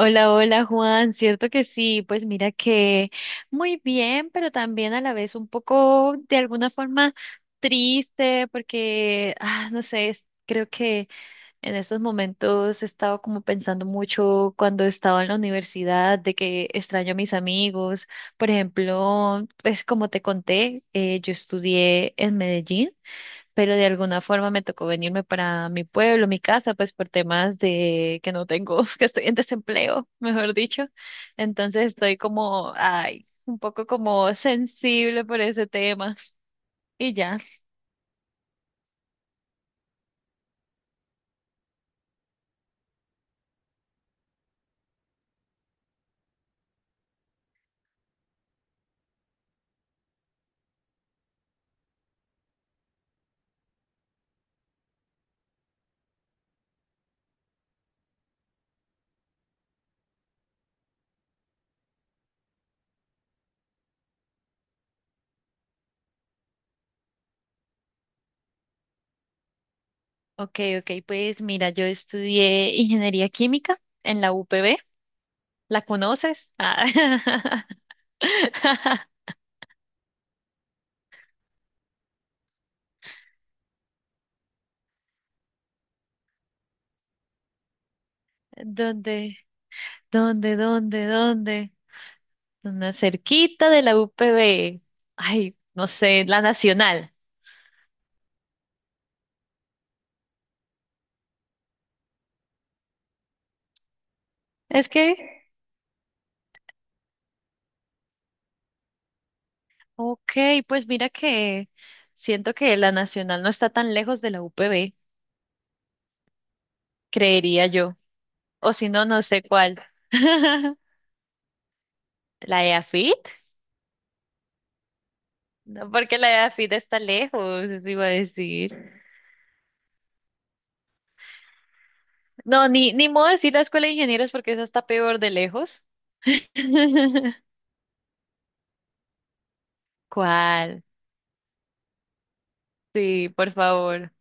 Hola, hola Juan, cierto que sí, pues mira que muy bien, pero también a la vez un poco de alguna forma triste porque, no sé, creo que en estos momentos he estado como pensando mucho cuando estaba en la universidad de que extraño a mis amigos. Por ejemplo, pues como te conté, yo estudié en Medellín pero de alguna forma me tocó venirme para mi pueblo, mi casa, pues por temas de que no tengo, que estoy en desempleo, mejor dicho. Entonces estoy como, ay, un poco como sensible por ese tema. Y ya. Ok, ok, pues mira, yo estudié ingeniería química en la UPB. ¿La conoces? Ah. ¿Dónde? ¿Dónde? ¿Dónde? ¿Dónde? Una cerquita de la UPB. Ay, no sé, la Nacional. Es que, ok, pues mira que siento que la Nacional no está tan lejos de la UPB, creería yo. O si no, no sé cuál. ¿La EAFIT? No, porque la EAFIT está lejos, eso iba a decir. No, ni modo decir la Escuela de Ingenieros porque esa está peor de lejos. ¿Cuál? Sí, por favor.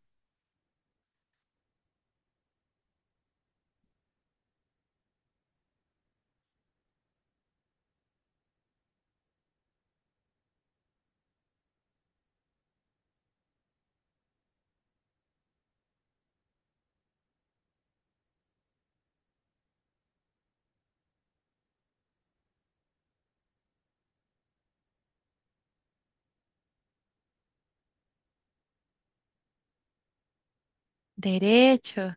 Derecho.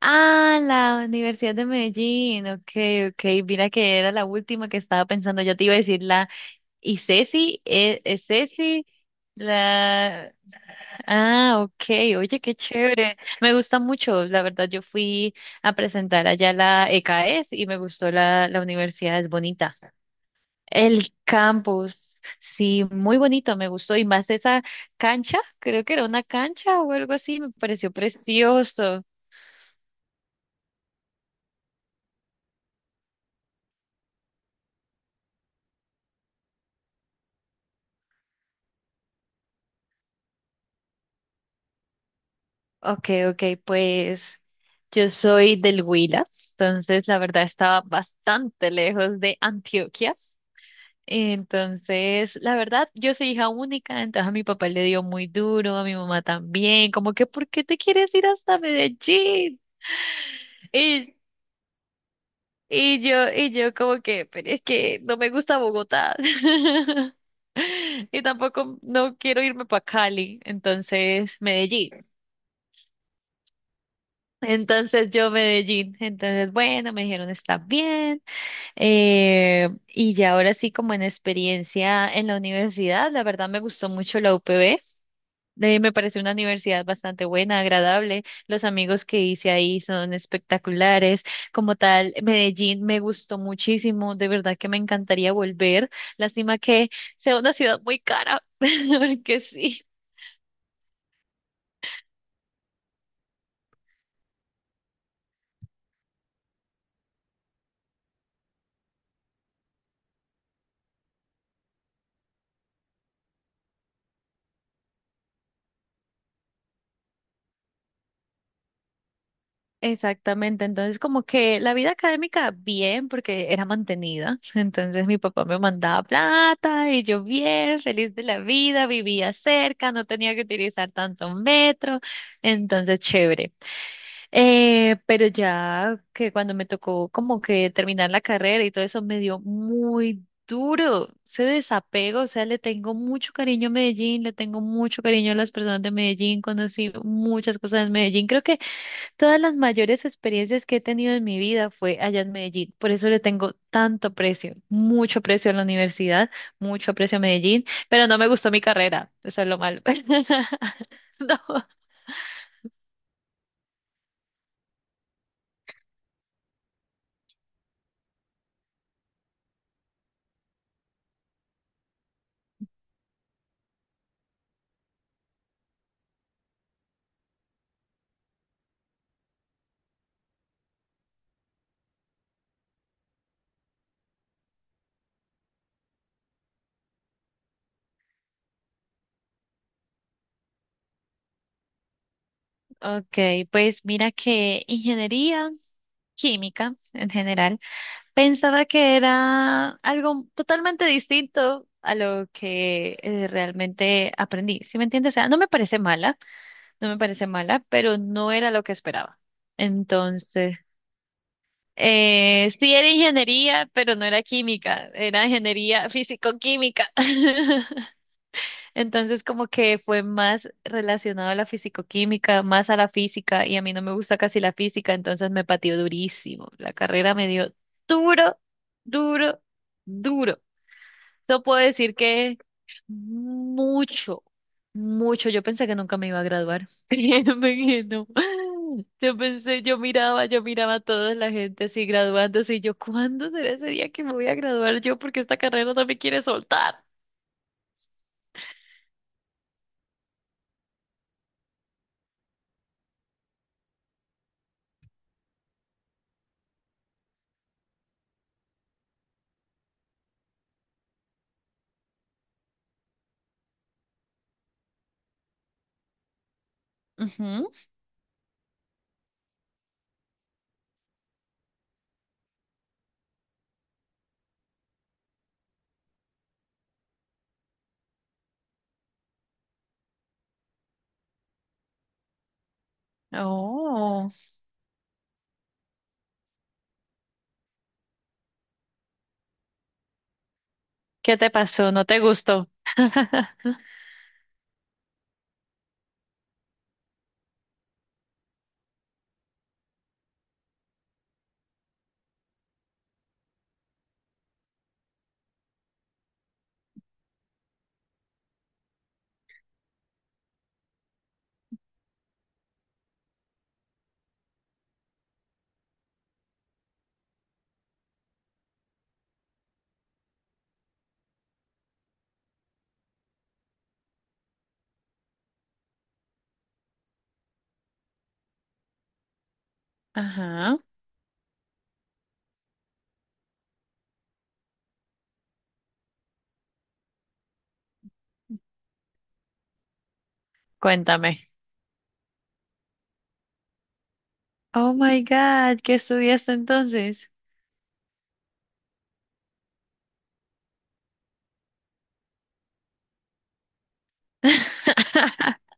Ah, la Universidad de Medellín. Ok, ok. Mira que era la última que estaba pensando. Yo te iba a decir la Y Ceci, Ceci, la... Ah, ok, oye, qué chévere. Me gusta mucho, la verdad, yo fui a presentar allá la ECAES y me gustó la, la universidad, es bonita. El campus, sí, muy bonito, me gustó. Y más esa cancha, creo que era una cancha o algo así, me pareció precioso. Ok, ok, pues yo soy del Huila, entonces la verdad estaba bastante lejos de Antioquia. Entonces, la verdad, yo soy hija única, entonces a mi papá le dio muy duro, a mi mamá también, como que, ¿por qué te quieres ir hasta Medellín? Y, y yo como que, pero es que no me gusta Bogotá. Y tampoco no quiero irme para Cali, entonces Medellín. Entonces yo Medellín. Entonces, bueno, me dijeron está bien. Y ya ahora sí, como en experiencia en la universidad, la verdad me gustó mucho la UPB. Me parece una universidad bastante buena, agradable. Los amigos que hice ahí son espectaculares. Como tal, Medellín me gustó muchísimo. De verdad que me encantaría volver. Lástima que sea una ciudad muy cara, porque sí. Exactamente, entonces como que la vida académica bien porque era mantenida, entonces mi papá me mandaba plata y yo bien, feliz de la vida, vivía cerca, no tenía que utilizar tanto metro, entonces chévere. Pero ya que cuando me tocó como que terminar la carrera y todo eso me dio muy duro ese desapego, o sea, le tengo mucho cariño a Medellín, le tengo mucho cariño a las personas de Medellín, conocí muchas cosas en Medellín, creo que todas las mayores experiencias que he tenido en mi vida fue allá en Medellín. Por eso le tengo tanto precio, mucho precio a la universidad, mucho precio a Medellín, pero no me gustó mi carrera. Eso es lo malo. No. Ok, pues mira que ingeniería química en general, pensaba que era algo totalmente distinto a lo que realmente aprendí. ¿Sí me entiendes? O sea, no me parece mala, no me parece mala, pero no era lo que esperaba. Entonces, sí era ingeniería, pero no era química, era ingeniería físico-química. Entonces como que fue más relacionado a la físico-química, más a la física, y a mí no me gusta casi la física, entonces me pateó durísimo. La carrera me dio duro, duro, duro. Eso puedo decir que mucho, mucho. Yo pensé que nunca me iba a graduar. Créeme que no. Yo pensé, yo miraba a toda la gente así graduándose y yo, ¿cuándo será ese día que me voy a graduar yo? Porque esta carrera no me quiere soltar. Ujú. Oh, ¿qué te pasó? ¿No te gustó? Ajá, cuéntame. Oh my God, ¿qué estudiaste entonces?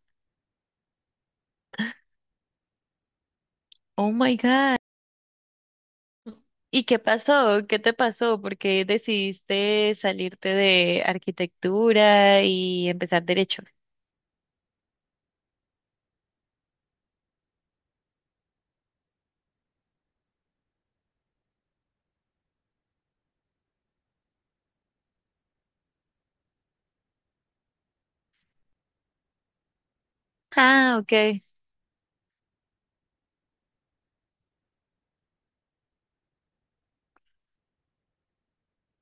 Oh my God. ¿Y qué pasó? ¿Qué te pasó? ¿Por qué decidiste salirte de arquitectura y empezar derecho? Ah, ok.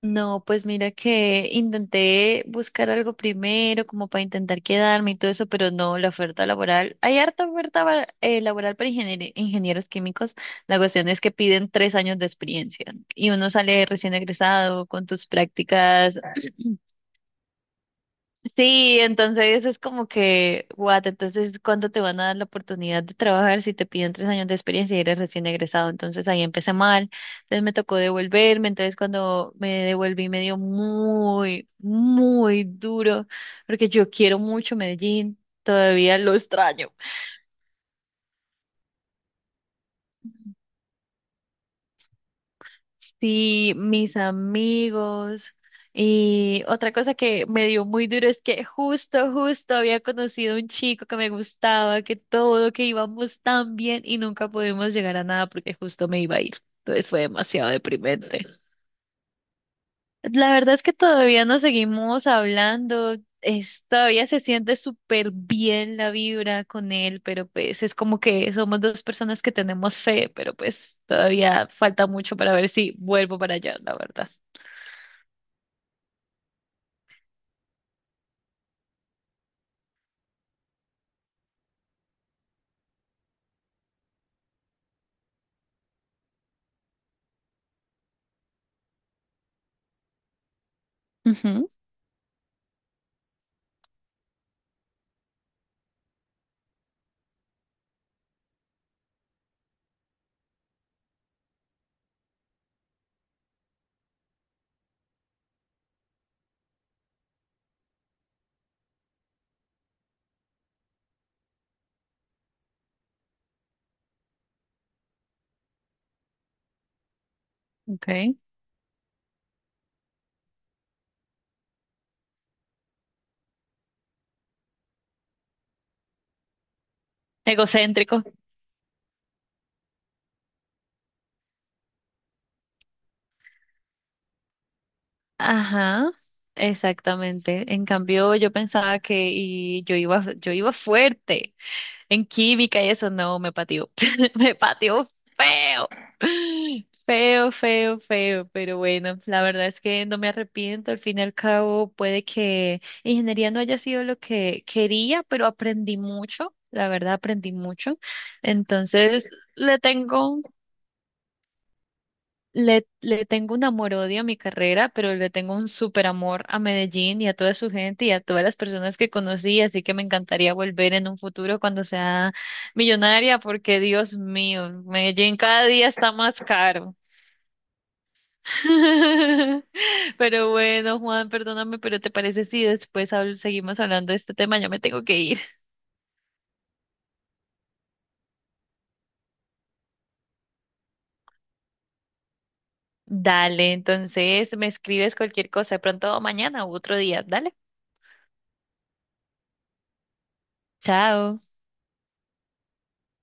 No, pues mira que intenté buscar algo primero, como para intentar quedarme y todo eso, pero no, la oferta laboral. Hay harta oferta laboral para ingenieros químicos. La cuestión es que piden 3 años de experiencia y uno sale recién egresado con tus prácticas. Sí, entonces es como que, what, entonces, ¿cuándo te van a dar la oportunidad de trabajar si te piden tres años de experiencia y eres recién egresado? Entonces ahí empecé mal, entonces me tocó devolverme, entonces cuando me devolví me dio muy, muy duro, porque yo quiero mucho Medellín, todavía lo extraño. Sí, mis amigos. Y otra cosa que me dio muy duro es que justo, justo había conocido a un chico que me gustaba, que todo, que íbamos tan bien y nunca pudimos llegar a nada porque justo me iba a ir. Entonces fue demasiado deprimente. La verdad es que todavía nos seguimos hablando, todavía se siente súper bien la vibra con él, pero pues es como que somos dos personas que tenemos fe, pero pues todavía falta mucho para ver si vuelvo para allá, la verdad. Ujú, ok. Egocéntrico. Ajá, exactamente. En cambio, yo pensaba que y yo iba fuerte en química y eso no me pateó. Me pateó feo. Feo, feo, feo. Pero bueno, la verdad es que no me arrepiento. Al fin y al cabo, puede que ingeniería no haya sido lo que quería, pero aprendí mucho. La verdad, aprendí mucho. Entonces, le tengo le tengo un amor-odio a mi carrera, pero le tengo un súper amor a Medellín y a toda su gente y a todas las personas que conocí, así que me encantaría volver en un futuro cuando sea millonaria, porque Dios mío, Medellín cada día está más caro. Pero bueno, Juan, perdóname, pero ¿te parece si después seguimos hablando de este tema? Ya me tengo que ir. Dale, entonces me escribes cualquier cosa, de pronto mañana u otro día. Dale, chao.